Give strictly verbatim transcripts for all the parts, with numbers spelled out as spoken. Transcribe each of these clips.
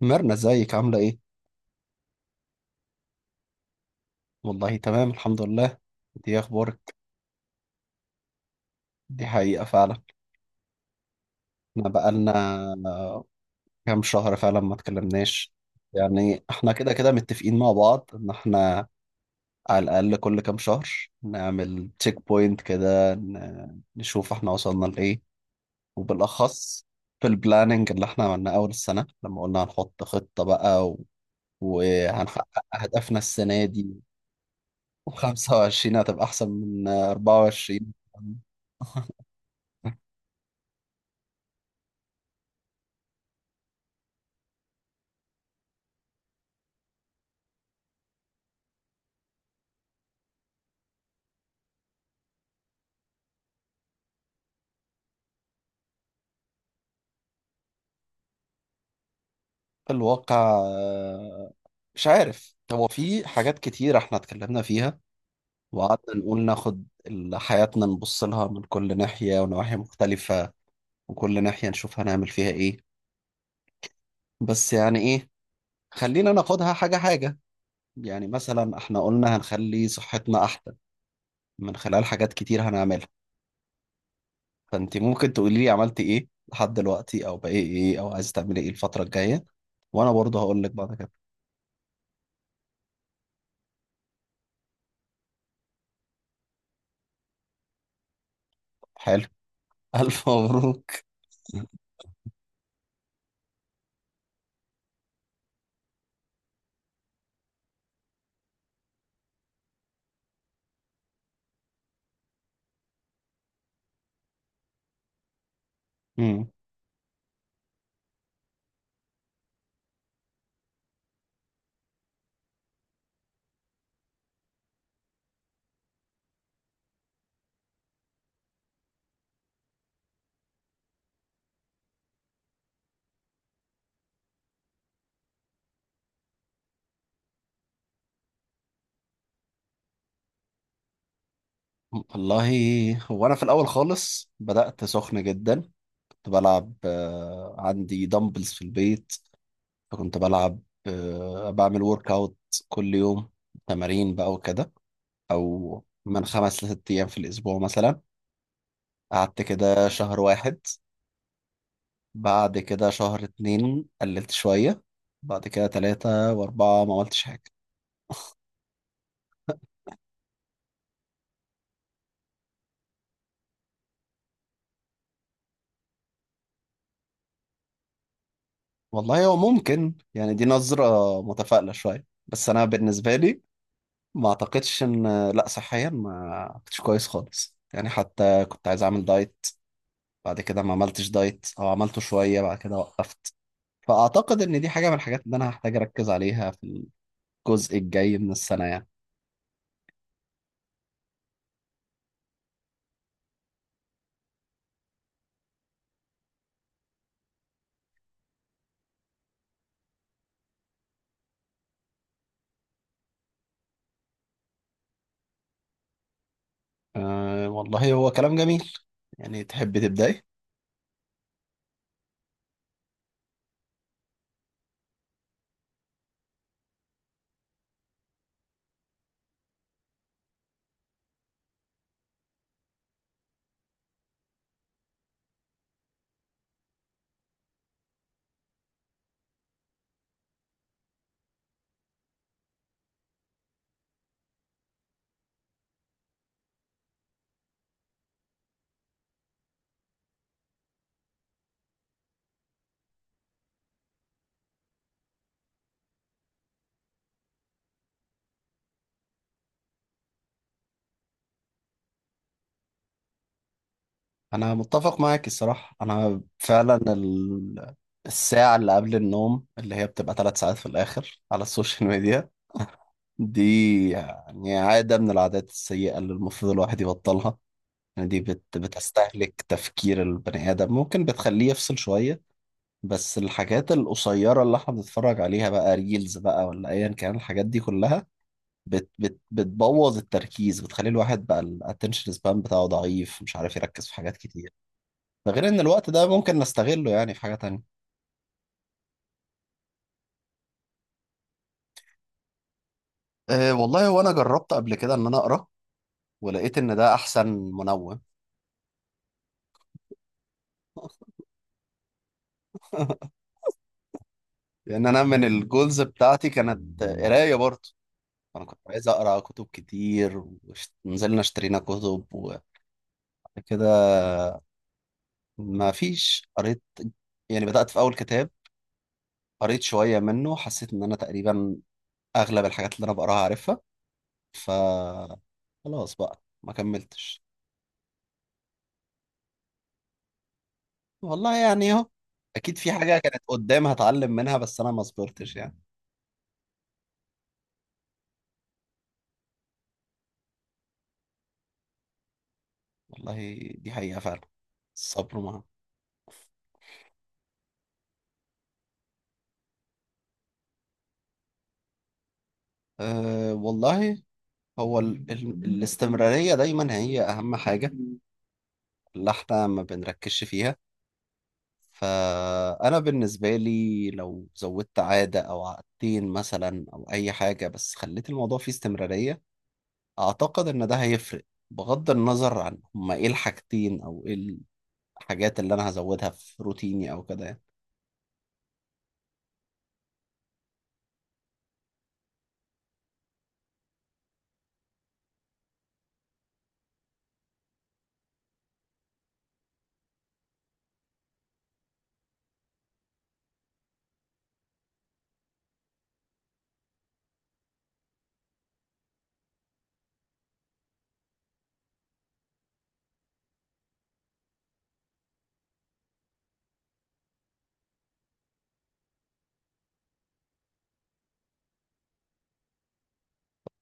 مرنا، ازيك عاملة ايه؟ والله تمام الحمد لله. دي اخبارك. دي حقيقة فعلا. احنا بقالنا كام شهر فعلا ما اتكلمناش. يعني احنا كده كده متفقين مع بعض ان احنا على الاقل كل كام شهر نعمل تشيك بوينت كده، ن- نشوف احنا وصلنا لايه. وبالاخص في البلاننج اللي احنا عملناه اول السنة، لما قلنا هنحط خطة بقى و... وهنحقق اهدافنا السنة دي. و25 هتبقى احسن من أربعة وعشرين. الواقع آه، مش عارف، هو في حاجات كتير احنا اتكلمنا فيها وقعدنا نقول ناخد ال- حياتنا، نبص لها من كل ناحية ونواحي مختلفة. وكل ناحية نشوف هنعمل فيها ايه. بس يعني ايه، خلينا ناخدها حاجة حاجة. يعني مثلا احنا قلنا هنخلي صحتنا احسن من خلال حاجات كتير هنعملها. فانت ممكن تقولي لي عملت ايه لحد دلوقتي، او بقى ايه ايه، او عايز تعملي ايه الفترة الجاية، وانا برضه هقول لك بعد كده. حلو، الف مبروك. مم. والله هو انا في الاول خالص بدات سخن جدا. كنت بلعب، آه، عندي دمبلز في البيت، فكنت بلعب، آه، بعمل ورك اوت كل يوم، تمارين بقى وكده، او من خمس لست ايام في الاسبوع مثلا. قعدت كده شهر واحد، بعد كده شهر اتنين قللت شويه، بعد كده تلاتة واربعة ما عملتش حاجه. والله هو ممكن يعني دي نظره متفائله شويه، بس انا بالنسبه لي ما اعتقدش، ان لا، صحيا ما كنتش كويس خالص، يعني حتى كنت عايز اعمل دايت، بعد كده ما عملتش دايت، او عملته شوية بعد كده وقفت. فاعتقد ان دي حاجة من الحاجات اللي انا هحتاج اركز عليها في الجزء الجاي من السنة يعني. أه والله هو كلام جميل. يعني تحب تبداي؟ انا متفق معاك الصراحة. انا فعلا ال... الساعة اللي قبل النوم، اللي هي بتبقى ثلاث ساعات في الآخر على السوشيال ميديا، دي يعني عادة من العادات السيئة اللي المفروض الواحد يبطلها. يعني دي بت بتستهلك تفكير البني آدم، ممكن بتخليه يفصل شوية. بس الحاجات القصيرة اللي احنا بنتفرج عليها بقى، ريلز بقى ولا أيا كان، الحاجات دي كلها بت بت بتبوظ التركيز، بتخلي الواحد بقى الاتنشن سبان بتاعه ضعيف، مش عارف يركز في حاجات كتير. ده غير إن الوقت ده ممكن نستغله يعني في حاجة تانية. أه والله هو انا جربت قبل كده ان انا اقرا، ولقيت ان ده احسن منوم. لان انا من الجولز بتاعتي كانت قرايه برضه. انا كنت عايز اقرا كتب كتير ونزلنا اشترينا كتب، وبعد كده ما فيش قريت. يعني بدأت في اول كتاب، قريت شوية منه، حسيت ان انا تقريبا اغلب الحاجات اللي انا بقراها عارفها. ف خلاص بقى، ما كملتش. والله يعني اهو، اكيد في حاجة كانت قدام هتعلم منها، بس انا ما صبرتش يعني. والله دي حقيقة فعلا، الصبر معاها. أه والله هو ال... ال... الاستمرارية دايما هي اهم حاجة اللي احنا ما بنركزش فيها. فأنا بالنسبة لي لو زودت عادة أو عادتين مثلا، أو أي حاجة، بس خليت الموضوع فيه استمرارية، أعتقد إن ده هيفرق، بغض النظر عن هما إيه الحاجتين أو إيه الحاجات اللي أنا هزودها في روتيني أو كده يعني.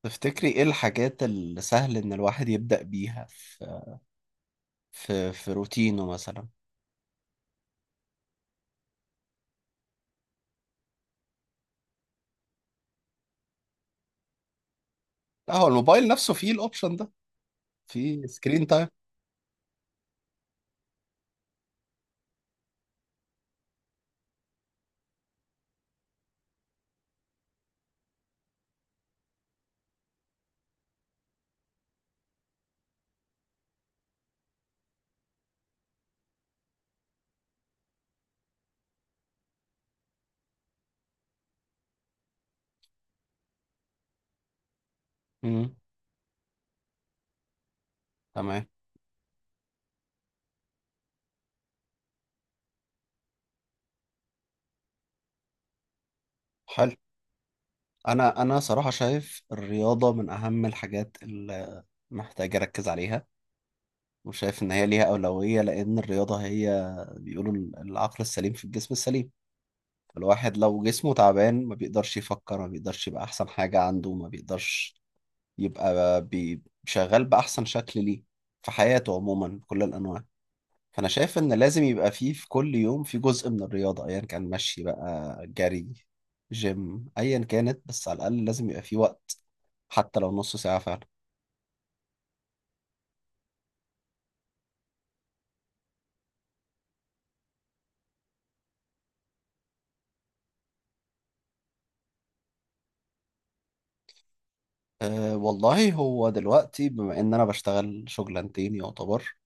تفتكري إيه الحاجات اللي سهل إن الواحد يبدأ بيها في في في روتينه مثلا؟ لا، هو الموبايل نفسه فيه الأوبشن ده، فيه سكرين تايم. مم. تمام. حلو. انا انا صراحه شايف الرياضه من اهم الحاجات اللي محتاج اركز عليها. وشايف ان هي ليها اولويه. لان الرياضه هي، بيقولوا ال- العقل السليم في الجسم السليم. الواحد لو جسمه تعبان ما بيقدرش يفكر، ما بيقدرش يبقى احسن حاجه عنده، ما بيقدرش يبقى بي- شغال باحسن شكل ليه في حياته عموما بكل الانواع. فانا شايف ان لازم يبقى فيه في كل يوم في جزء من الرياضه، ايا كان مشي بقى، جري، جيم، ايا كانت، بس على الاقل لازم يبقى فيه وقت، حتى لو نص ساعه فعلا. أه والله، هو دلوقتي بما ان انا بشتغل شغلانتين يعتبر،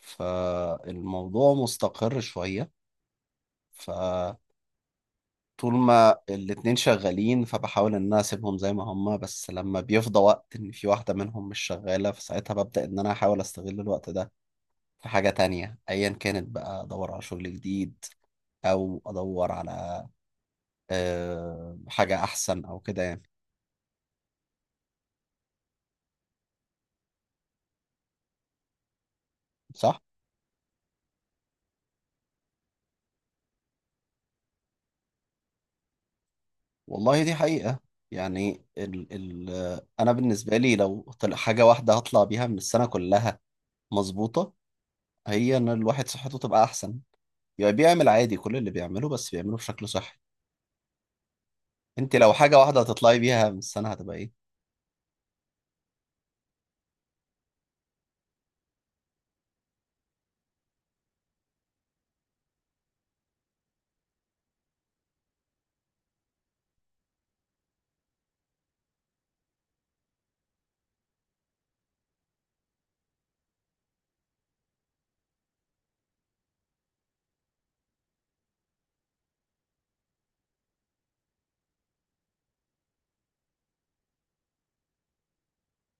فالموضوع مستقر شويه. فطول ما الاتنين شغالين، فبحاول ان انا اسيبهم زي ما هما، بس لما بيفضى وقت ان في واحده منهم مش شغاله، فساعتها ببدا ان انا احاول استغل الوقت ده في حاجة تانية أيا كانت، بقى أدور على شغل جديد، أو أدور على آه، حاجة أحسن أو كده يعني. صح؟ والله دي حقيقة. يعني ال ال آه، أنا بالنسبة لي لو طلع حاجة واحدة هطلع بيها من السنة كلها مظبوطة، هي إن الواحد صحته تبقى أحسن. يعني بيعمل عادي كل اللي بيعمله بس بيعمله بشكل صحي. أنت لو حاجة واحدة هتطلعي بيها من السنة هتبقى إيه؟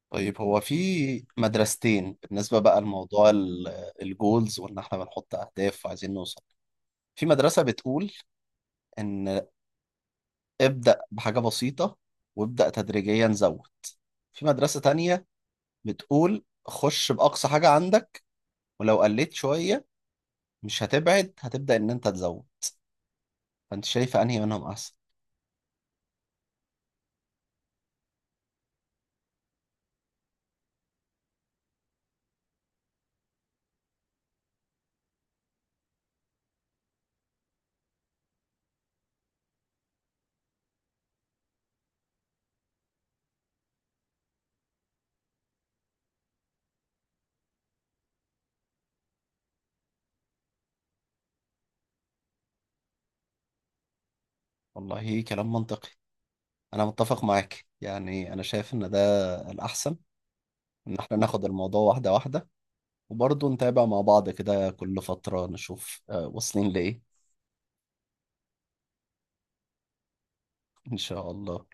طيب هو في مدرستين بالنسبة بقى لموضوع الجولز، وإن إحنا بنحط أهداف عايزين نوصل. في مدرسة بتقول إن ابدأ بحاجة بسيطة، وابدأ تدريجيا زود. في مدرسة تانية بتقول خش بأقصى حاجة عندك، ولو قلت شوية مش هتبعد، هتبدأ إن أنت تزود. فأنت شايفة أنهي منهم أحسن؟ والله كلام منطقي. أنا متفق معاك. يعني أنا شايف إن ده الأحسن، إن إحنا ناخد الموضوع واحدة واحدة، وبرضه نتابع مع بعض كده كل فترة نشوف آه، واصلين لإيه. إن شاء الله.